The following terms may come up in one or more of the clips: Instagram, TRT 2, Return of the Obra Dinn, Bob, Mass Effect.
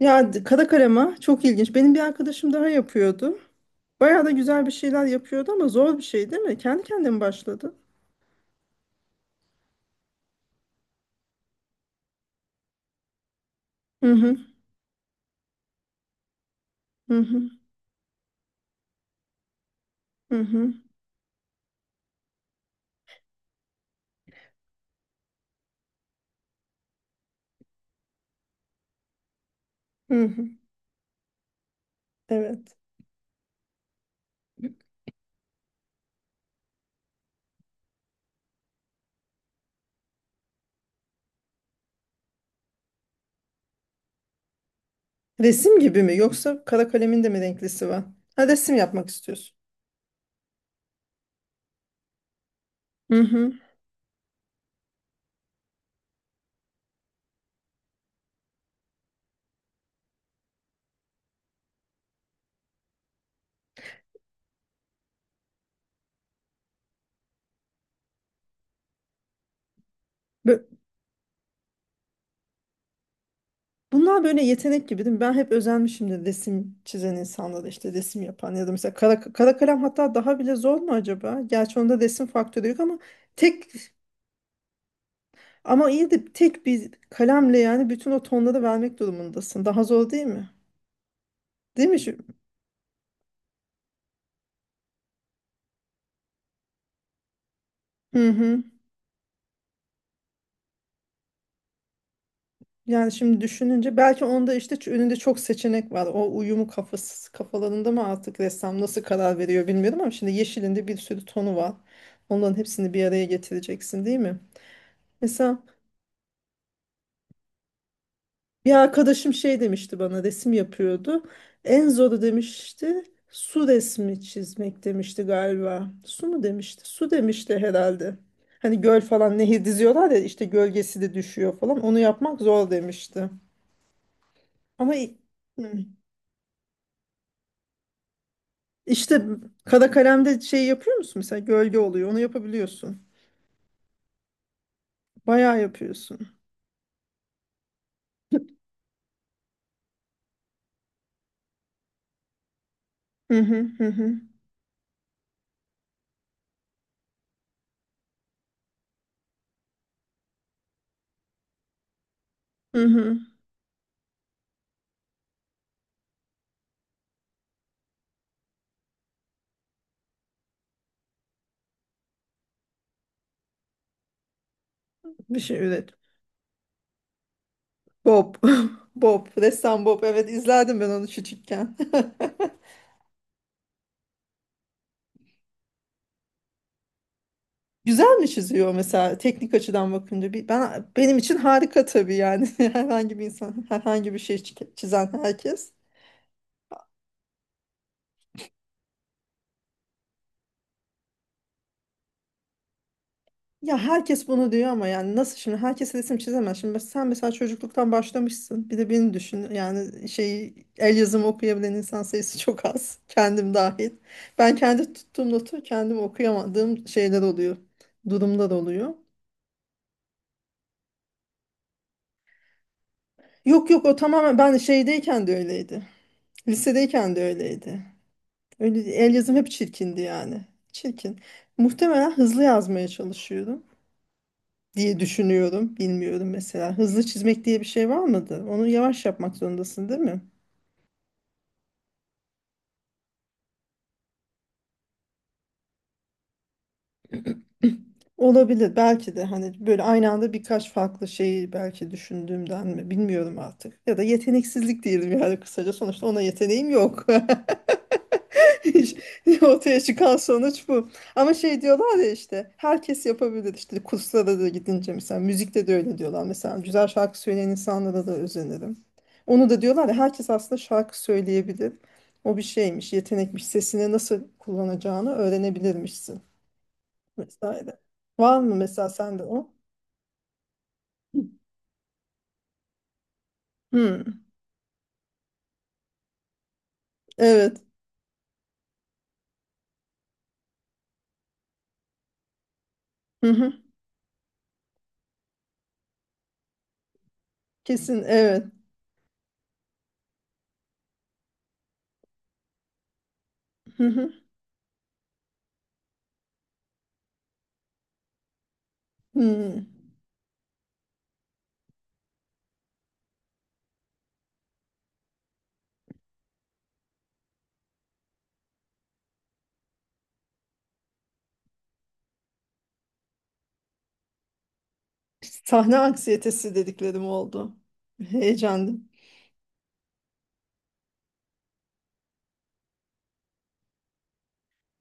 Ya kara kalema çok ilginç. Benim bir arkadaşım daha yapıyordu. Bayağı da güzel bir şeyler yapıyordu ama zor bir şey değil mi? Kendi kendine mi başladı? Hı hı hı hı hı hı. Hı hı. Evet. Resim gibi mi yoksa kara kalemin de mi renklisi var? Ha resim yapmak istiyorsun. Hı hı. Bö- Bunlar böyle yetenek gibi değil mi? Ben hep özenmişimdir resim çizen insanlara işte resim yapan ya da mesela kara kalem hatta daha bile zor mu acaba? Gerçi onda resim faktörü yok ama tek ama iyi de tek bir kalemle yani bütün o tonları vermek durumundasın. Daha zor değil mi? Değil mi? Hı hı. Yani şimdi düşününce belki onda işte önünde çok seçenek var. O uyumu kafalarında mı artık ressam nasıl karar veriyor bilmiyorum ama şimdi yeşilinde bir sürü tonu var. Onların hepsini bir araya getireceksin değil mi? Mesela bir arkadaşım şey demişti bana resim yapıyordu. En zoru demişti su resmi çizmek demişti galiba. Su mu demişti? Su demişti herhalde. Hani göl falan nehir diziyorlar ya işte gölgesi de düşüyor falan. Onu yapmak zor demişti. Ama i- hı. işte Kara kalemde şey yapıyor musun? Mesela gölge oluyor. Onu yapabiliyorsun. Bayağı yapıyorsun. Hı hı hı hı. Hı hı. Bir şey üret. Bob. Bob. Ressam Bob. Evet izlerdim ben onu küçükken. Güzel mi çiziyor mesela teknik açıdan bakınca? Ben benim için harika tabii yani herhangi bir insan herhangi bir şey çizen herkes. Ya herkes bunu diyor ama yani nasıl şimdi herkes resim çizemez. Şimdi sen mesela çocukluktan başlamışsın. Bir de beni düşün. Yani şey el yazımı okuyabilen insan sayısı çok az. Kendim dahil. Ben kendi tuttuğum notu kendim okuyamadığım şeyler oluyor. Durumlar oluyor. Yok o tamamen ben şeydeyken de öyleydi. Lisedeyken de öyleydi. Öyle, el yazım hep çirkindi yani. Çirkin. Muhtemelen hızlı yazmaya çalışıyorum diye düşünüyorum. Bilmiyorum mesela. Hızlı çizmek diye bir şey var mıdır? Onu yavaş yapmak zorundasın, değil mi? Olabilir belki de hani böyle aynı anda birkaç farklı şeyi belki düşündüğümden mi bilmiyorum artık. Ya da yeteneksizlik diyelim yani kısaca. Sonuçta ona yeteneğim yok. İş- Ortaya çıkan sonuç bu. Ama şey diyorlar ya işte herkes yapabilir işte kurslara da gidince mesela müzikte de öyle diyorlar mesela güzel şarkı söyleyen insanlara da özenirim. Onu da diyorlar ya herkes aslında şarkı söyleyebilir. O bir şeymiş, yetenekmiş, sesini nasıl kullanacağını öğrenebilirmişsin vesaire. Var mı mesela sende o? Hmm, evet. Hı hı. Kesin evet. Hı hı. Hmm. Sahne anksiyetesi dediklerim oldu. Heyecanlı.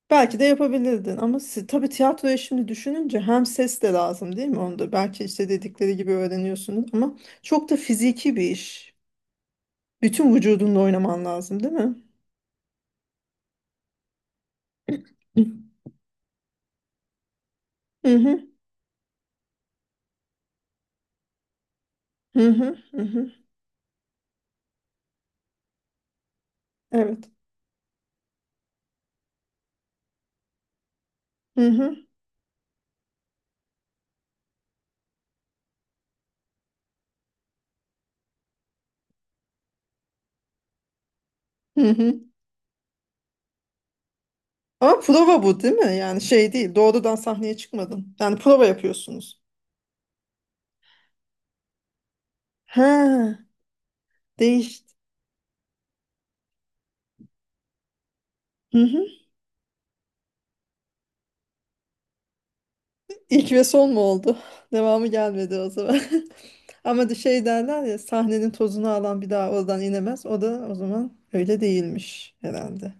Belki de yapabilirdin ama tabii tiyatroya şimdi düşününce hem ses de lazım değil mi? Onu belki işte dedikleri gibi öğreniyorsunuz ama çok da fiziki bir iş. Bütün vücudunla oynaman lazım değil mi? Hı hı hı hı. Evet. Hı hı hı hı. Ama prova bu değil mi? Yani şey değil. Doğrudan sahneye çıkmadın. Yani prova yapıyorsunuz. Ha, değişti. İlk ve son mu oldu? Devamı gelmedi o zaman. Ama de şey derler ya sahnenin tozunu alan bir daha oradan inemez. O da o zaman öyle değilmiş herhalde.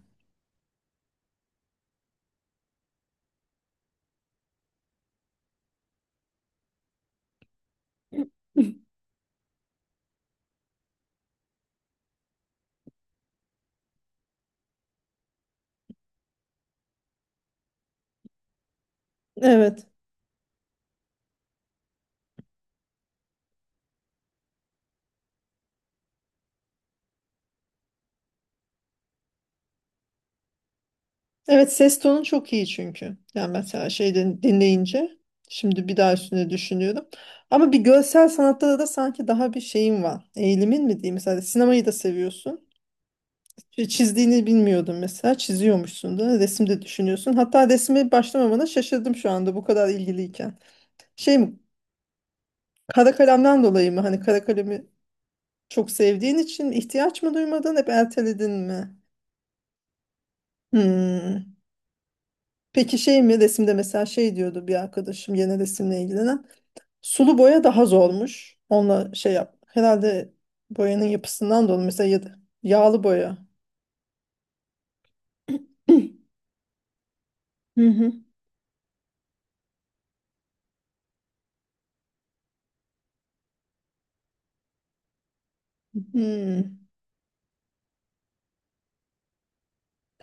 Evet. Evet ses tonu çok iyi çünkü. Yani mesela şeyden dinleyince şimdi bir daha üstüne düşünüyorum. Ama bir görsel sanatta da sanki daha bir şeyin var. Eğilimin mi diyeyim? Mesela sinemayı da seviyorsun. Çizdiğini bilmiyordum mesela. Çiziyormuşsun da resim de düşünüyorsun. Hatta resme başlamamana şaşırdım şu anda bu kadar ilgiliyken. Şey mi Kara kalemden dolayı mı? Hani kara kalemi çok sevdiğin için ihtiyaç mı duymadın, hep erteledin mi? Hmm. Peki şey mi? Resimde mesela şey diyordu bir arkadaşım yine resimle ilgilenen. Sulu boya daha zormuş. Onunla şey yap. Herhalde boyanın yapısından dolayı mesela ya da yağlı boya. Hı hı. Hmm.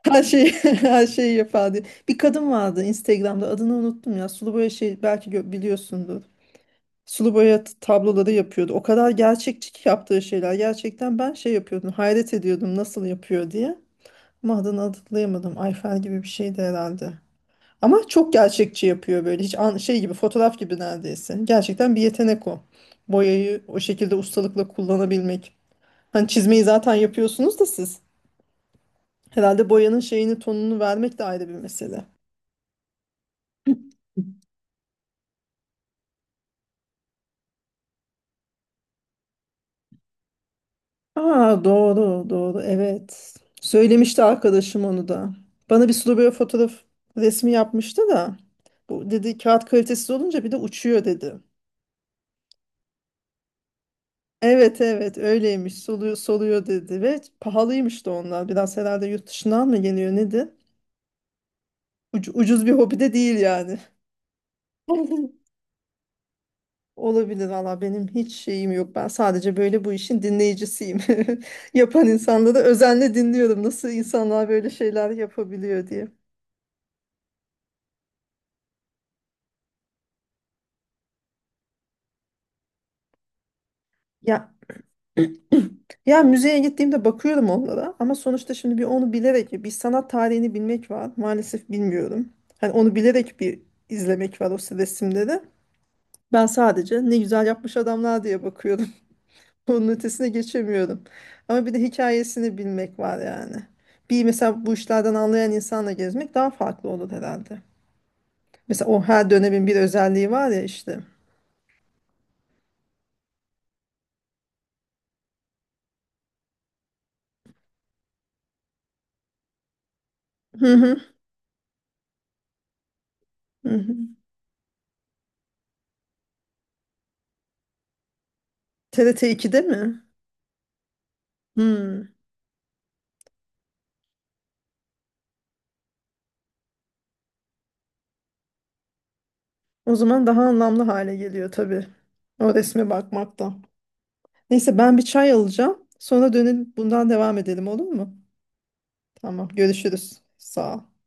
Her şeyi her şeyi yapar diye. Bir kadın vardı Instagram'da adını unuttum ya. Sulu boya şey belki biliyorsundur. Sulu boya tabloları yapıyordu. O kadar gerçekçi ki yaptığı şeyler. Gerçekten ben şey yapıyordum. Hayret ediyordum nasıl yapıyor diye. Ama adını hatırlayamadım. Ayfer gibi bir şeydi herhalde. Ama çok gerçekçi yapıyor böyle. Hiç şey gibi fotoğraf gibi neredeyse. Gerçekten bir yetenek o. Boyayı o şekilde ustalıkla kullanabilmek. Hani çizmeyi zaten yapıyorsunuz da siz. Herhalde boyanın şeyini tonunu vermek de ayrı bir mesele. Aa, doğru evet. Söylemişti arkadaşım onu da. Bana bir sulu böyle fotoğraf resmi yapmıştı da. Bu dedi kağıt kalitesiz olunca bir de uçuyor dedi. Evet evet öyleymiş soluyor dedi ve pahalıymış da onlar. Biraz herhalde yurt dışından mı geliyor nedir? Ucuz bir hobi de değil yani. Olabilir valla benim hiç şeyim yok. Ben sadece böyle bu işin dinleyicisiyim. Yapan insanları özenle dinliyorum. Nasıl insanlar böyle şeyler yapabiliyor diye. Ya Ya müzeye gittiğimde bakıyorum onlara ama sonuçta şimdi bir onu bilerek bir sanat tarihini bilmek var. Maalesef bilmiyorum. Hani onu bilerek bir izlemek var o resimleri. Ben sadece ne güzel yapmış adamlar diye bakıyorum. Onun ötesine geçemiyorum. Ama bir de hikayesini bilmek var yani. Bir mesela bu işlerden anlayan insanla gezmek daha farklı olur herhalde. Mesela o her dönemin bir özelliği var ya işte. Hı hı. Hı hı. TRT 2'de mi? Hmm. O zaman daha anlamlı hale geliyor tabii. O resme bakmakta. Neyse ben bir çay alacağım. Sonra dönüp bundan devam edelim olur mu? Tamam, görüşürüz. Sağ ol.